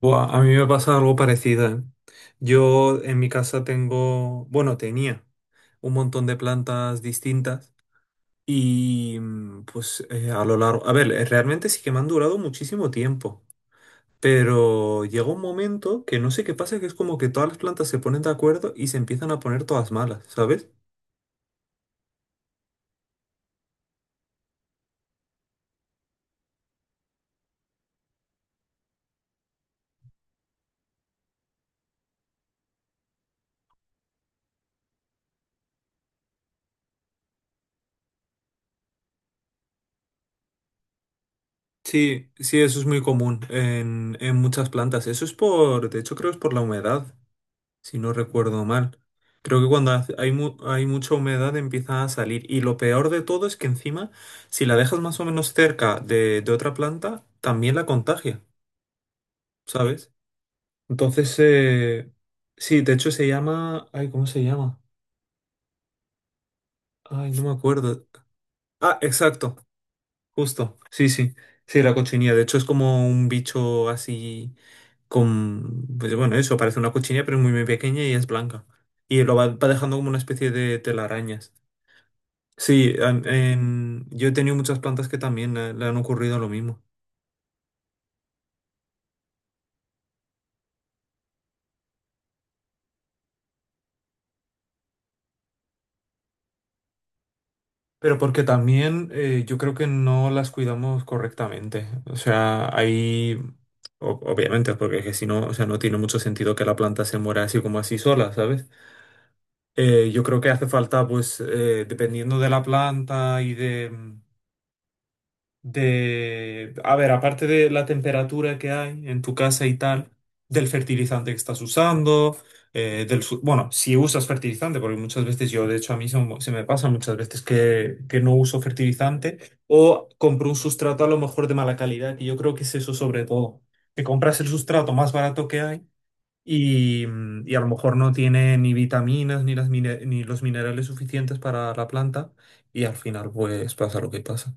Buah, a mí me pasa algo parecido, ¿eh? Yo en mi casa tengo, bueno, tenía un montón de plantas distintas y a lo largo, a ver, realmente sí que me han durado muchísimo tiempo, pero llega un momento que no sé qué pasa, que es como que todas las plantas se ponen de acuerdo y se empiezan a poner todas malas, ¿sabes? Sí, sí, eso es muy común en muchas plantas. Eso es por, de hecho creo es por la humedad. Si no recuerdo mal, creo que hay, hay mucha humedad empieza a salir. Y lo peor de todo es que encima, si la dejas más o menos cerca de otra planta, también la contagia, ¿sabes? Entonces, sí, de hecho se llama... Ay, ¿cómo se llama? Ay, no me acuerdo. Ah, exacto, justo. Sí, sí. Sí, la cochinilla. De hecho es como un bicho así con... Pues bueno, eso, parece una cochinilla, pero es muy, muy pequeña y es blanca. Y lo va dejando como una especie de telarañas. Sí, yo he tenido muchas plantas que también le han ocurrido lo mismo. Pero porque también yo creo que no las cuidamos correctamente. O sea, hay... Obviamente, porque es que si no, o sea, no tiene mucho sentido que la planta se muera así como así sola, ¿sabes? Yo creo que hace falta, pues, dependiendo de la planta y de, a ver, aparte de la temperatura que hay en tu casa y tal, del fertilizante que estás usando, bueno, si usas fertilizante, porque muchas veces yo, de hecho, a mí se me pasa muchas veces que no uso fertilizante o compro un sustrato a lo mejor de mala calidad, y yo creo que es eso sobre todo, que compras el sustrato más barato que hay. Y, y a lo mejor no tiene ni vitaminas ni ni los minerales suficientes para la planta y al final pues pasa lo que pasa.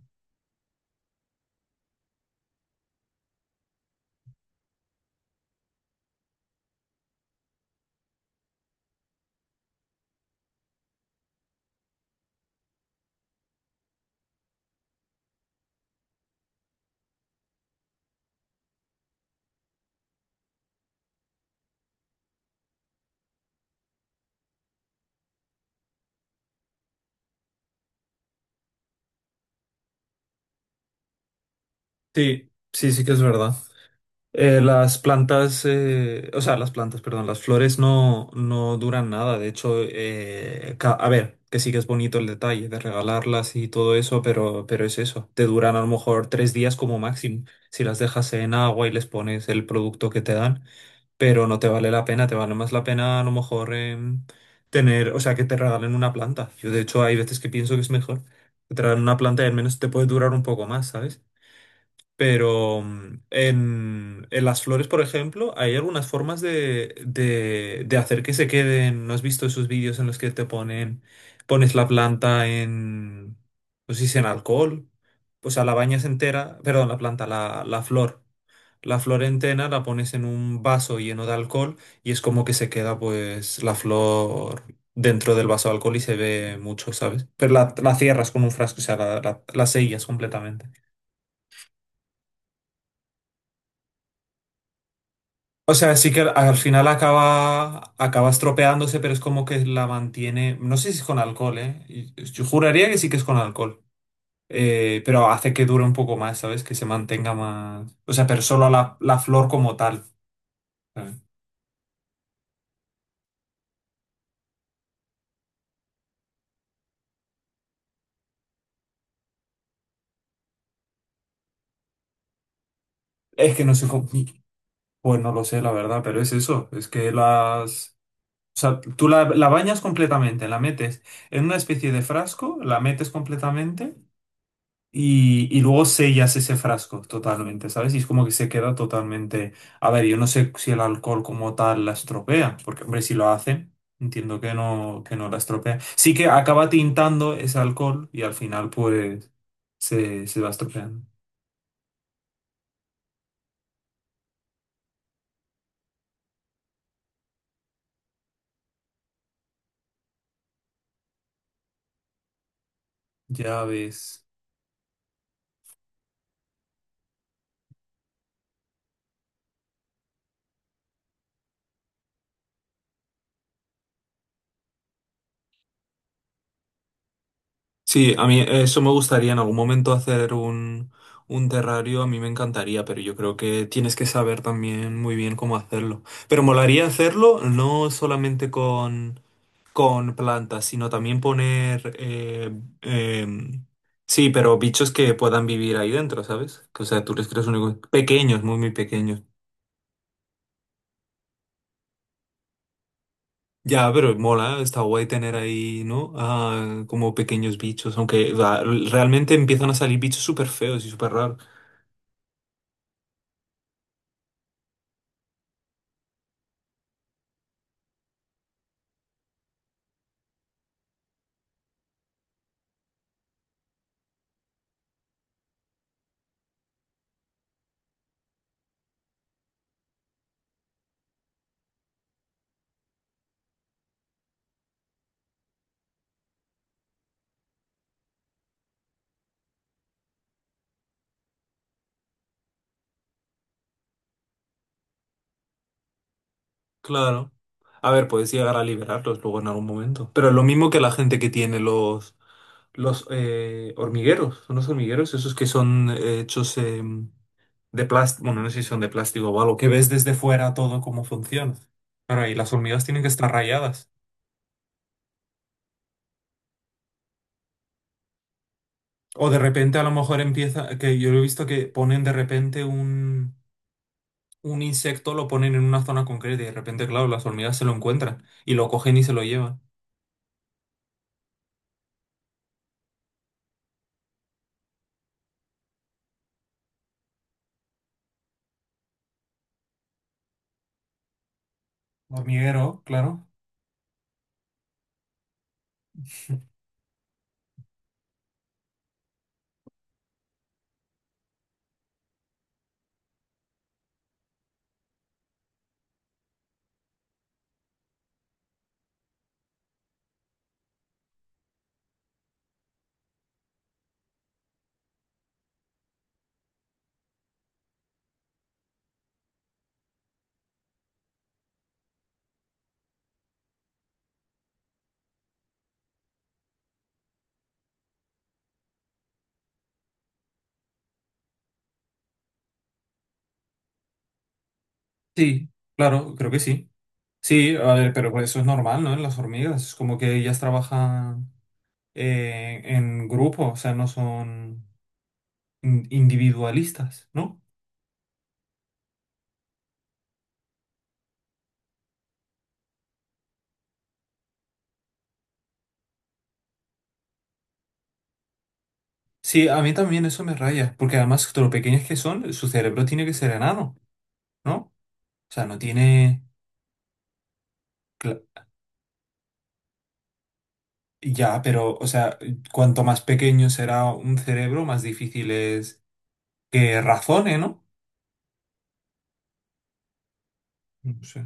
Sí, sí, sí que es verdad. Las plantas, o sea, las plantas, perdón, las flores no duran nada. De hecho, a ver, que sí que es bonito el detalle de regalarlas y todo eso, pero es eso. Te duran a lo mejor tres días como máximo si las dejas en agua y les pones el producto que te dan, pero no te vale la pena. Te vale más la pena a lo mejor tener, o sea, que te regalen una planta. Yo, de hecho, hay veces que pienso que es mejor que te regalen una planta y al menos te puede durar un poco más, ¿sabes? Pero en las flores, por ejemplo, hay algunas formas de, de hacer que se queden. ¿No has visto esos vídeos en los que te ponen, pones la planta en, no sé si en alcohol, pues a la bañas entera, perdón, la planta, la flor. La flor entera la pones en un vaso lleno de alcohol y es como que se queda pues la flor dentro del vaso de alcohol y se ve mucho, ¿sabes? Pero la cierras con un frasco, o sea, la sellas completamente. O sea, sí que al final acaba estropeándose, pero es como que la mantiene. No sé si es con alcohol, ¿eh? Yo juraría que sí que es con alcohol. Pero hace que dure un poco más, ¿sabes? Que se mantenga más. O sea, pero solo la flor como tal. ¿Sabes? Es que no sé cómo. Pues no lo sé, la verdad, pero es eso. Es que las. O sea, tú la bañas completamente, la metes en una especie de frasco, la metes completamente. Y luego sellas ese frasco totalmente, ¿sabes? Y es como que se queda totalmente... A ver, yo no sé si el alcohol como tal la estropea, porque, hombre, si lo hace, entiendo que no la estropea. Sí que acaba tintando ese alcohol y al final, pues, se va estropeando. Ya ves. Sí, a mí eso me gustaría en algún momento hacer un terrario, a mí me encantaría, pero yo creo que tienes que saber también muy bien cómo hacerlo. Pero molaría hacerlo no solamente con plantas, sino también poner... em, sí, pero bichos que puedan vivir ahí dentro, ¿sabes? Que, o sea, tú les creas únicos pequeños, muy, muy pequeños. Ya, pero mola, está guay tener ahí, ¿no? Ah, como pequeños bichos, aunque o realmente empiezan a salir bichos súper feos y súper raros. Claro. A ver, puedes llegar a liberarlos luego en algún momento. Pero es lo mismo que la gente que tiene los hormigueros. Son los hormigueros, esos que son hechos de plástico. Bueno, no sé si son de plástico o algo, que ves desde fuera todo cómo funciona. Claro, y las hormigas tienen que estar rayadas. O de repente a lo mejor empieza, que yo he visto que ponen de repente un insecto, lo ponen en una zona concreta y de repente, claro, las hormigas se lo encuentran y lo cogen y se lo llevan. Hormiguero, claro. Sí, claro, creo que sí. Sí, a ver, pero pues eso es normal, ¿no? En las hormigas, es como que ellas trabajan en grupo, o sea, no son individualistas, ¿no? Sí, a mí también eso me raya, porque además, de lo pequeñas que son, su cerebro tiene que ser enano, ¿no? O sea, no tiene... cla- Ya, pero, o sea, cuanto más pequeño será un cerebro, más difícil es que razone, ¿no? No sé.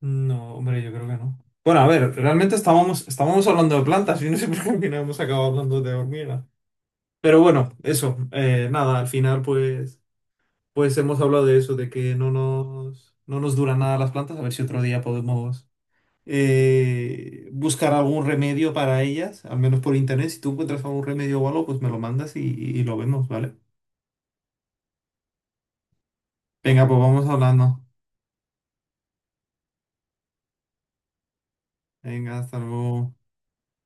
No, hombre, yo creo que no. Bueno, a ver, realmente estábamos hablando de plantas y no sé por qué al final hemos acabado hablando de hormigas. Pero bueno, eso, nada, al final pues hemos hablado de eso, de que no no nos duran nada las plantas, a ver si otro día podemos buscar algún remedio para ellas, al menos por internet. Si tú encuentras algún remedio o algo, pues me lo mandas y lo vemos, ¿vale? Venga, pues vamos hablando. Venga, hasta luego.